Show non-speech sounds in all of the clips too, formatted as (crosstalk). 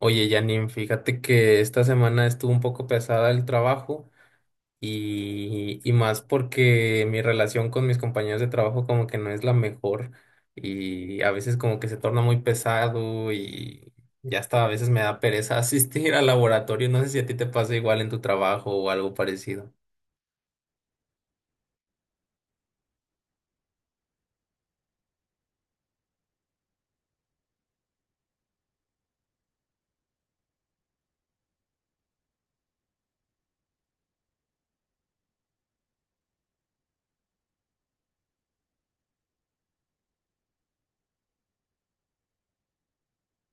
Oye, Janine, fíjate que esta semana estuvo un poco pesada el trabajo y más porque mi relación con mis compañeros de trabajo como que no es la mejor y a veces como que se torna muy pesado y ya hasta a veces me da pereza (laughs) asistir al laboratorio. No sé si a ti te pasa igual en tu trabajo o algo parecido.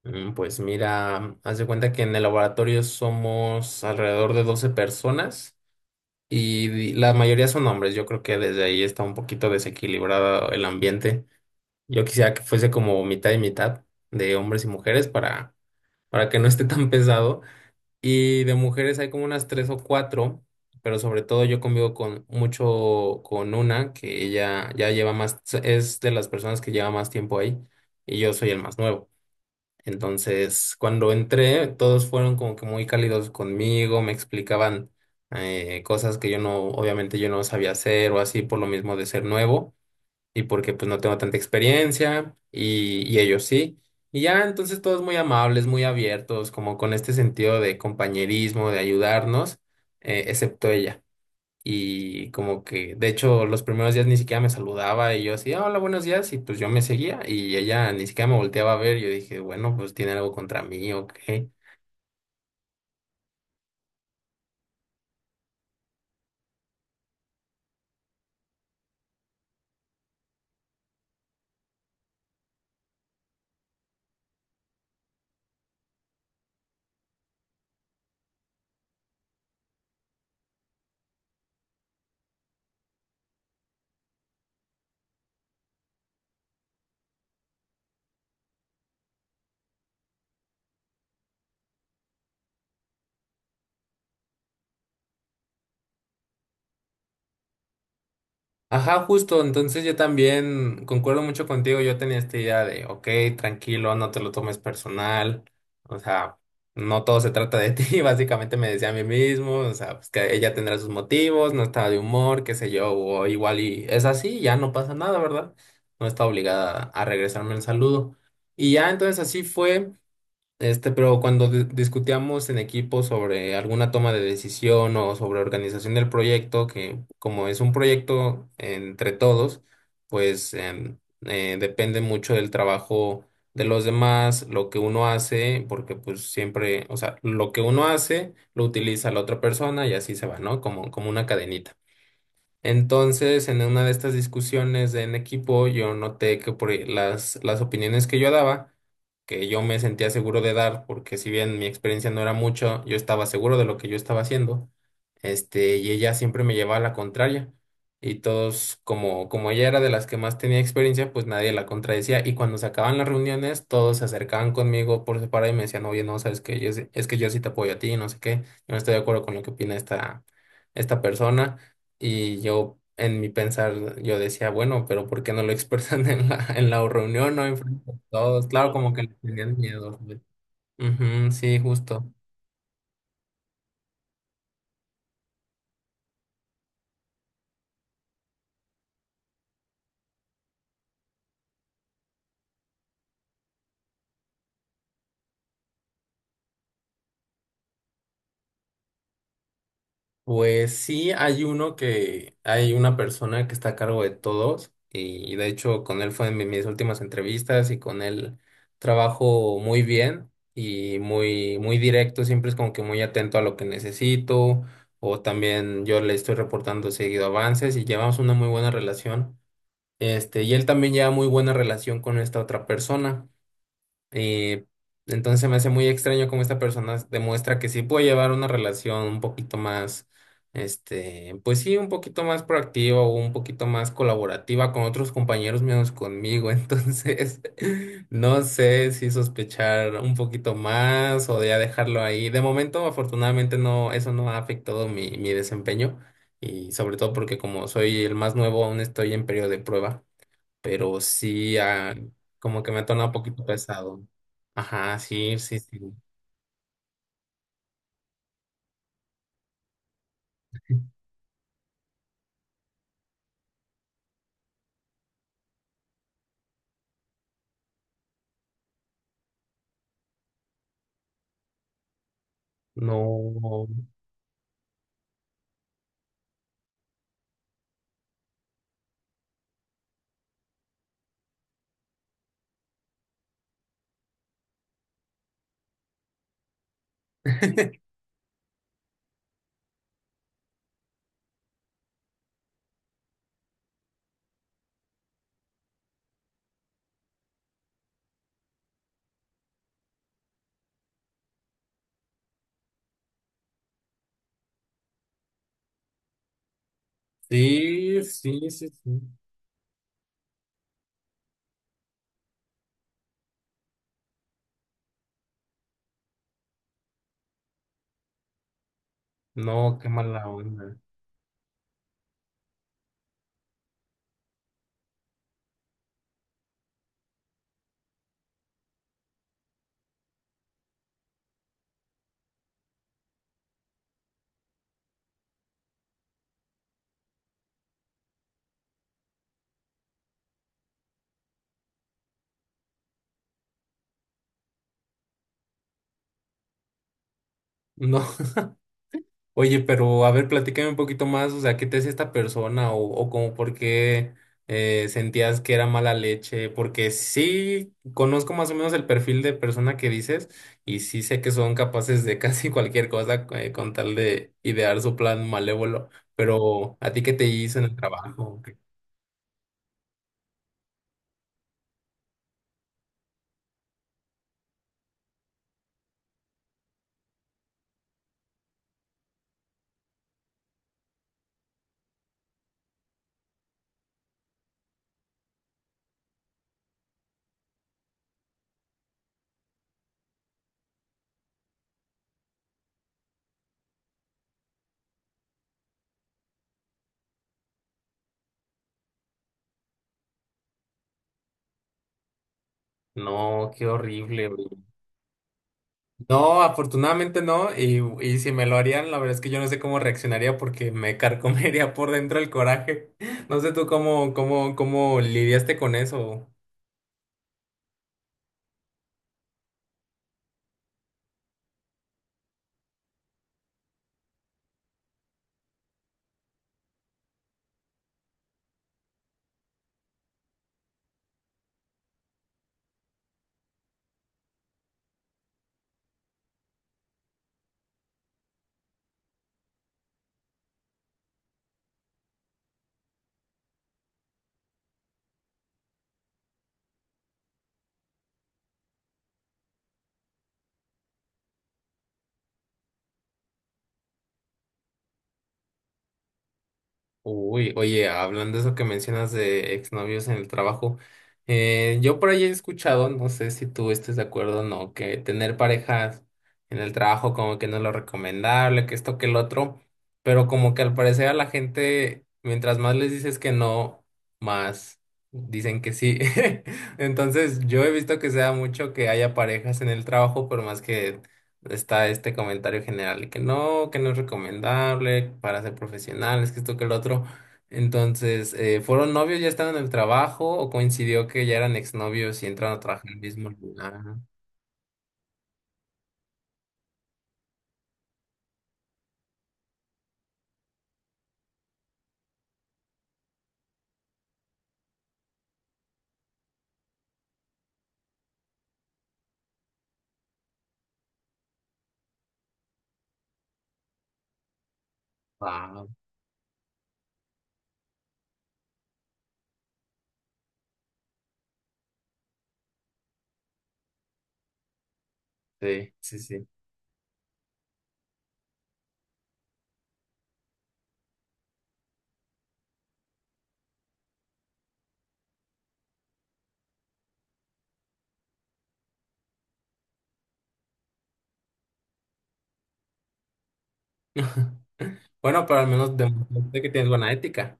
Pues mira, haz de cuenta que en el laboratorio somos alrededor de 12 personas. Y la mayoría son hombres, yo creo que desde ahí está un poquito desequilibrado el ambiente. Yo quisiera que fuese como mitad y mitad de hombres y mujeres para que no esté tan pesado. Y de mujeres hay como unas tres o cuatro, pero sobre todo yo convivo con mucho con una que ella ya lleva más, es de las personas que lleva más tiempo ahí y yo soy el más nuevo. Entonces, cuando entré, todos fueron como que muy cálidos conmigo, me explicaban cosas que yo no, obviamente yo no sabía hacer o así por lo mismo de ser nuevo y porque pues no tengo tanta experiencia y ellos sí. Y ya entonces todos muy amables, muy abiertos, como con este sentido de compañerismo, de ayudarnos, excepto ella. Y como que, de hecho, los primeros días ni siquiera me saludaba y yo así, "Ah, hola, buenos días", y pues yo me seguía y ella ni siquiera me volteaba a ver. Yo dije, bueno, pues tiene algo contra mí o. Ajá, justo, entonces yo también concuerdo mucho contigo, yo tenía esta idea de, ok, tranquilo, no te lo tomes personal, o sea, no todo se trata de ti, (laughs) básicamente me decía a mí mismo, o sea, pues que ella tendrá sus motivos, no estaba de humor, qué sé yo, o igual y es así, ya no pasa nada, ¿verdad? No está obligada a regresarme el saludo. Y ya entonces así fue. Este, pero cuando discutíamos en equipo sobre alguna toma de decisión o sobre organización del proyecto, que como es un proyecto entre todos, pues depende mucho del trabajo de los demás, lo que uno hace, porque pues siempre, o sea, lo que uno hace lo utiliza la otra persona y así se va, ¿no? Como una cadenita. Entonces, en una de estas discusiones de en equipo, yo noté que por las opiniones que yo daba, que yo me sentía seguro de dar, porque si bien mi experiencia no era mucho, yo estaba seguro de lo que yo estaba haciendo, y ella siempre me llevaba a la contraria. Y todos, como ella era de las que más tenía experiencia, pues nadie la contradecía. Y cuando se acababan las reuniones, todos se acercaban conmigo por separado y me decían, oye, no, sabes que es, que yo sí te apoyo a ti, no sé qué, yo no estoy de acuerdo con lo que opina esta, persona. Y yo, en mi pensar, yo decía, bueno, pero ¿por qué no lo expresan (laughs) en la reunión, no en frente de todos? Claro, como que le tenían miedo, güey. Ujú, sí, justo. Pues sí, hay uno que, hay una persona que está a cargo de todos y de hecho con él fue en mis últimas entrevistas y con él trabajo muy bien y muy, muy directo, siempre es como que muy atento a lo que necesito o también yo le estoy reportando seguido avances y llevamos una muy buena relación. Y él también lleva muy buena relación con esta otra persona. eh, entonces me hace muy extraño cómo esta persona demuestra que sí puede llevar una relación un poquito más, pues sí, un poquito más proactiva o un poquito más colaborativa con otros compañeros menos conmigo. (laughs) Entonces, no sé si sospechar un poquito más o ya dejarlo ahí. De momento, afortunadamente, no, eso no ha afectado mi desempeño. Y sobre todo porque como soy el más nuevo, aún estoy en periodo de prueba, pero sí, como que me ha tornado un poquito pesado. Ajá, sí, sí, sí. No, (laughs) sí, sí, sí, sí. No, qué mala onda. No. Oye, pero a ver, platícame un poquito más, o sea, ¿qué te hace esta persona? O como por qué sentías que era mala leche, porque sí conozco más o menos el perfil de persona que dices y sí sé que son capaces de (laughs) casi cualquier cosa, con tal de idear su plan malévolo, pero ¿a ti qué te hizo en el trabajo? No, qué horrible. No, afortunadamente no. Y si me lo harían, la verdad es que yo no sé cómo reaccionaría porque me (laughs) carcomería por dentro el coraje. (laughs) No sé tú cómo lidiaste con eso. Uy, oye, hablando de eso que mencionas de exnovios en el trabajo, yo por ahí he escuchado, no sé si tú estés de acuerdo o no, que tener parejas en el trabajo como que no es lo recomendable, que esto, que el otro, pero como que al parecer a la gente, mientras más les dices que no, más dicen que sí. (laughs) Entonces, yo he visto que se da mucho que haya parejas en el trabajo, por más que está este comentario general de que no es recomendable para ser profesionales, que esto, que el otro. Entonces, ¿fueron novios, ya estaban en el trabajo o coincidió que ya eran exnovios y entraron a trabajar en el mismo lugar? Wow, sí, sí, sí. (laughs) Bueno, pero al menos demostraste que tienes buena ética.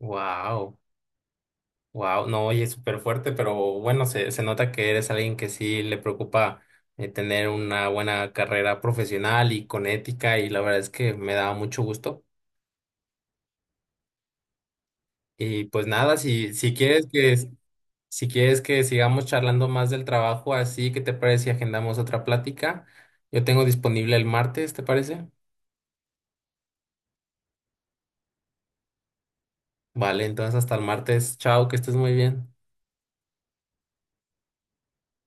Wow, wow, no, oye, súper fuerte, pero bueno, se nota que eres alguien que sí le preocupa, tener una buena carrera profesional y con ética y la verdad es que me da mucho gusto. Y pues nada, si quieres que sigamos charlando más del trabajo, así, ¿qué te parece si agendamos otra plática? Yo tengo disponible el martes, ¿te parece? Vale, entonces hasta el martes. Chao, que estés muy bien.